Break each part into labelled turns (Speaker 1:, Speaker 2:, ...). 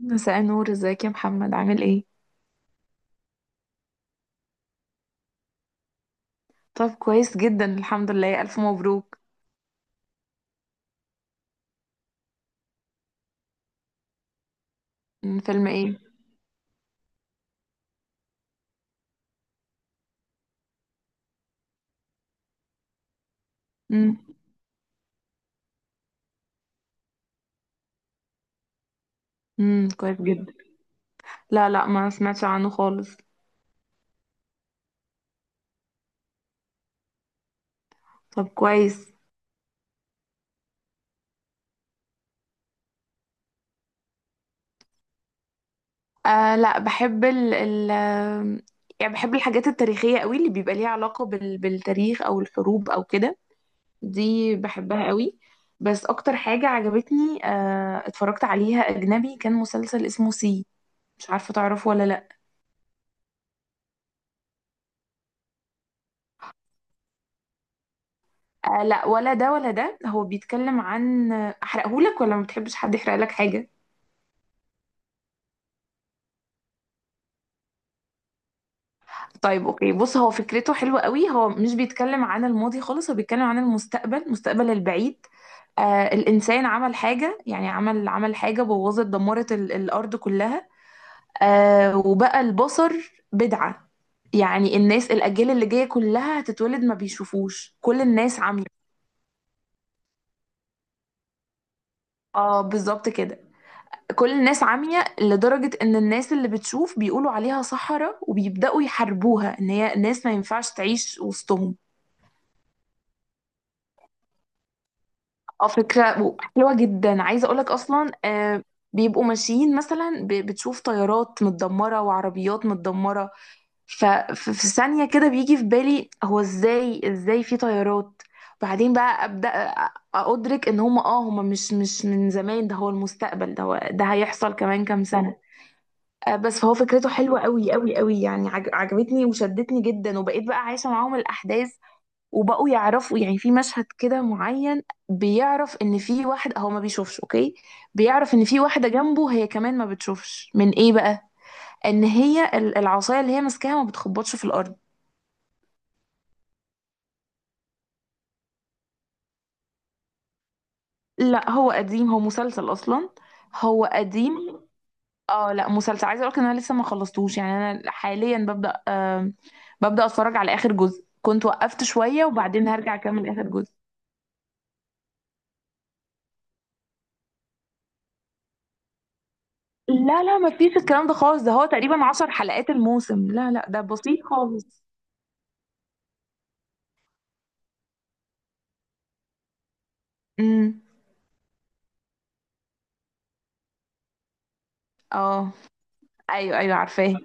Speaker 1: مساء النور، ازيك يا محمد؟ عامل ايه؟ طب كويس جدا، الحمد لله، الف مبروك. فيلم ايه؟ امم. كويس جدا. لا، لا، ما سمعتش عنه خالص. طب كويس. لا، بحب ال ال آم، يعني بحب الحاجات التاريخية قوي، اللي بيبقى ليها علاقة بالتاريخ او الحروب او كده. دي بحبها قوي. بس اكتر حاجة عجبتني اتفرجت عليها اجنبي كان مسلسل اسمه سي. مش عارفة تعرفه ولا لا؟ لا، ولا ده ولا ده، هو بيتكلم عن، احرقهولك ولا ما بتحبش حد يحرق لك حاجة؟ طيب اوكي، بص، هو فكرته حلوة قوي، هو مش بيتكلم عن الماضي خالص، هو بيتكلم عن المستقبل، المستقبل البعيد. الانسان عمل حاجة، يعني عمل حاجة بوظت دمرت الارض كلها. وبقى البصر بدعة. يعني الناس، الاجيال اللي جاية كلها هتتولد ما بيشوفوش، كل الناس عمي. اه، بالظبط كده. كل الناس عمية لدرجة إن الناس اللي بتشوف بيقولوا عليها سحرة وبيبدأوا يحاربوها، إن هي ناس ما ينفعش تعيش وسطهم. اه، فكرة حلوة جدا. عايزة أقولك أصلا، بيبقوا ماشيين مثلا، بتشوف طيارات متدمرة وعربيات متدمرة. ففي ثانية كده بيجي في بالي هو إزاي في طيارات. بعدين بقى أبدأ أدرك إن هم مش من زمان، ده هو المستقبل، ده هيحصل كمان كام سنة. بس فهو فكرته حلوة قوي قوي قوي، يعني عجبتني وشدتني جدا، وبقيت بقى عايشة معاهم الأحداث. وبقوا يعرفوا، يعني في مشهد كده معين، بيعرف إن في واحد هو ما بيشوفش، أوكي. بيعرف إن في واحدة جنبه هي كمان ما بتشوفش، من إيه بقى؟ إن هي العصاية اللي هي ماسكاها ما بتخبطش في الأرض. لا، هو قديم، هو مسلسل أصلا. هو قديم. اه، لا مسلسل. عايزه اقولك ان انا لسه ما خلصتوش، يعني انا حاليا ببدا، ببدا اتفرج على اخر جزء، كنت وقفت شويه وبعدين هرجع اكمل اخر جزء. لا، لا، ما فيش الكلام ده خالص، ده هو تقريبا عشر حلقات الموسم، لا، لا، ده بسيط خالص. امم. اه، ايوه، ايوه، عارفاه.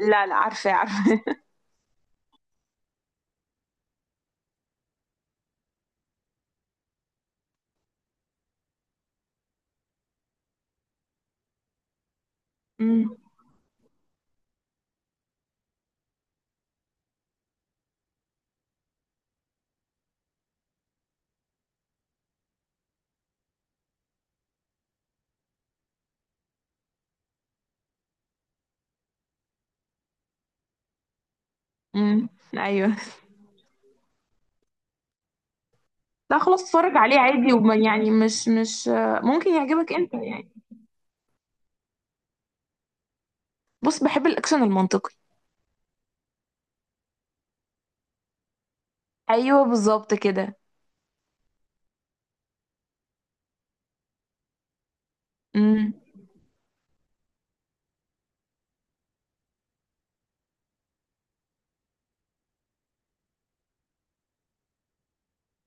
Speaker 1: لا، لا، عارفاه، عارفاه. امم. امم، ايوه. لا خلاص، اتفرج عليه عادي، وما يعني مش ممكن يعجبك انت يعني. بص، بحب الاكشن المنطقي. ايوه، بالظبط كده.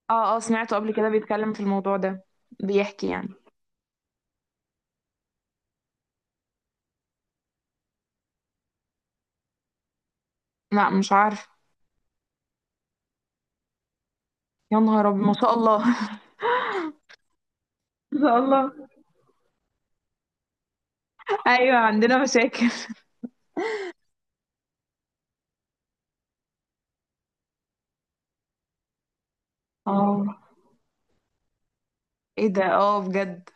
Speaker 1: اه، اه، سمعته قبل كده بيتكلم في الموضوع ده. بيحكي يعني، لا مش عارف. يا نهار ابيض، ما شاء الله. ما شاء الله. ايوه، عندنا مشاكل. اه، ايه ده؟ اه، بجد.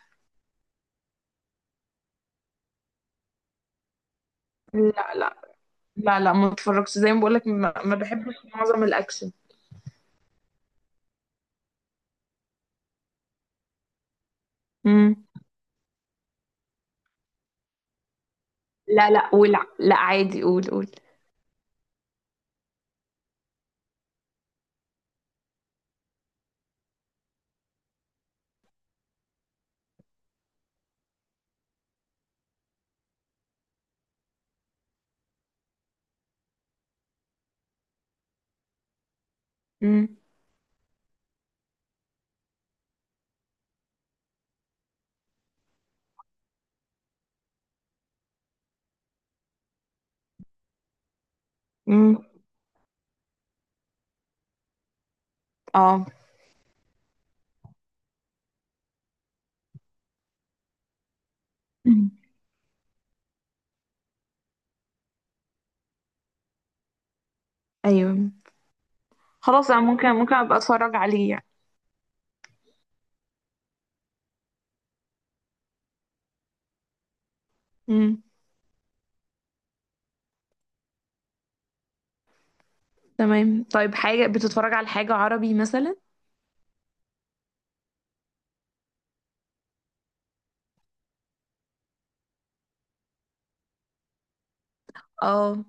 Speaker 1: لا، لا، لا، لا، ما اتفرجش، زي ما بقولك، ما بحبش معظم الاكشن. امم. لا، لا، ولا، لا، عادي، قول، قول. امم. امم. اه. مم. ايوه. خلاص، انا ممكن ابقى اتفرج عليه يعني. امم. تمام. طيب، حاجة بتتفرج على حاجة عربي مثلا؟ اه،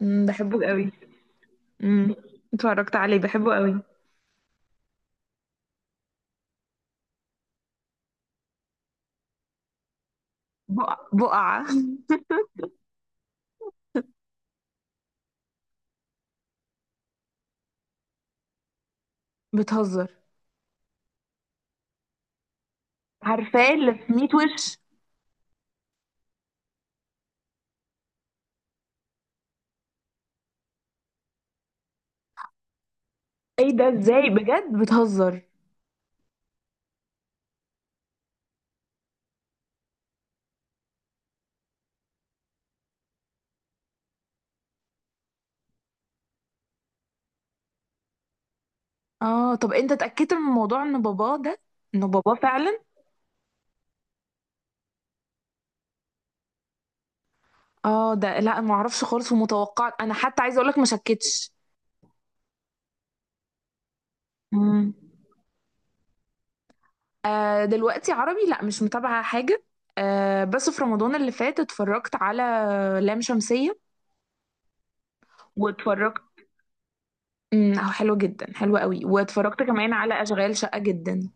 Speaker 1: بحبه قوي. امم اتفرجت عليه، بحبه قوي. بقعة. بتهزر؟ عارفاه، اللي في 100 وش. ايه ده؟ ازاي؟ بجد؟ بتهزر. اه، طب انت اتأكدت من الموضوع ان باباه ده، انه باباه فعلا؟ اه، ده لا، ما اعرفش خالص، ومتوقع انا، حتى عايزه اقول لك ما شكتش. امم دلوقتي عربي لا، مش متابعة حاجة. بس في رمضان اللي فات اتفرجت على لام شمسية. واتفرجت، حلو جدا، حلو قوي. واتفرجت كمان على اشغال شقة جدا.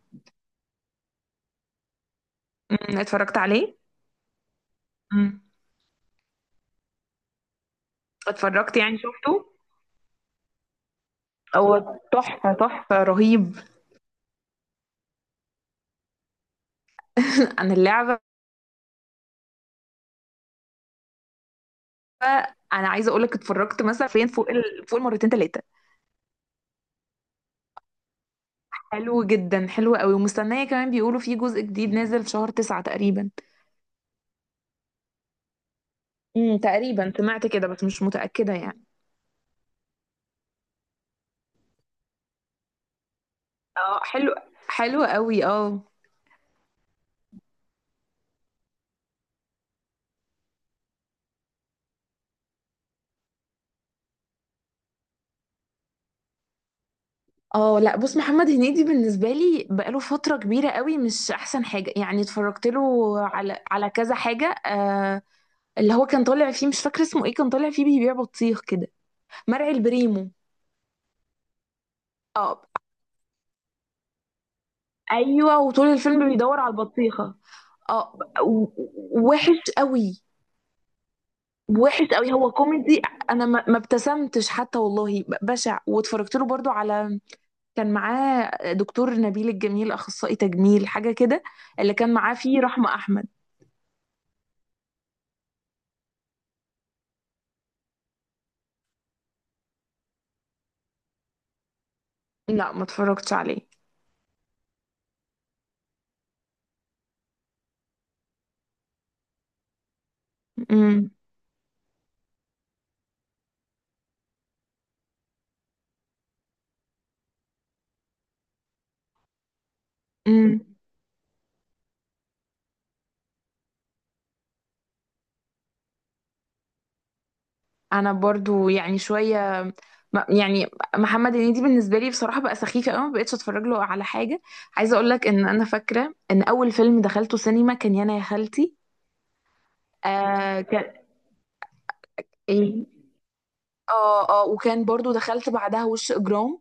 Speaker 1: اتفرجت عليه. مم. اتفرجت، يعني شفته. هو تحفة، تحفة، رهيب. عن اللعبة، انا عايزة اقولك اتفرجت مثلا فين، فوق المرتين تلاتة. حلو جدا، حلو قوي، ومستنية كمان، بيقولوا في جزء جديد نازل في شهر تسعة تقريبا. تقريبا سمعت كده، بس مش متأكدة يعني. اه، حلو، حلو قوي، اه. اه، لا بص، محمد هنيدي بالنسبة لي بقاله فترة كبيرة قوي مش احسن حاجة، يعني اتفرجت له على كذا حاجة. اللي هو كان طالع فيه، مش فاكرة اسمه ايه، كان طالع فيه بيبيع بطيخ كده، مرعي البريمو. اه، ايوه، وطول الفيلم بيدور على البطيخه. اه، وحش قوي، وحش قوي. هو كوميدي، انا ما ابتسمتش حتى والله، بشع. واتفرجت له برضو على، كان معاه دكتور نبيل الجميل، اخصائي تجميل حاجه كده، اللي كان معاه فيه رحمه احمد. لا، ما اتفرجتش عليه. امم انا برضو يعني شويه، يعني محمد هنيدي بالنسبه لي بصراحه بقى سخيف قوي، ما بقتش اتفرج له على حاجه. عايزه اقول لك ان انا فاكره ان اول فيلم دخلته سينما كان يانا يا خالتي. كان. ايه، اه، اه، وكان برضو دخلت بعدها وش اجرام.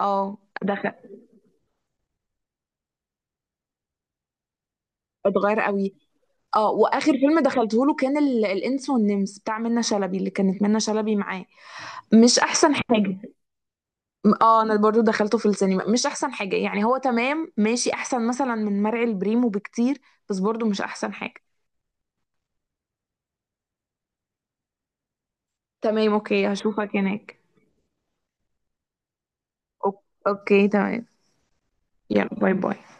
Speaker 1: اه، دخل، اتغير قوي. اه، واخر فيلم دخلته له كان الانس والنمس بتاع منة شلبي، اللي كانت منة شلبي معاه. مش احسن حاجه. اه، انا برضو دخلته في السينما، مش احسن حاجة يعني، هو تمام، ماشي احسن مثلا من مرعي البريمو بكتير، بس برضو مش احسن حاجة. تمام، اوكي، هشوفك هناك. اوكي، تمام. يلا، باي، باي.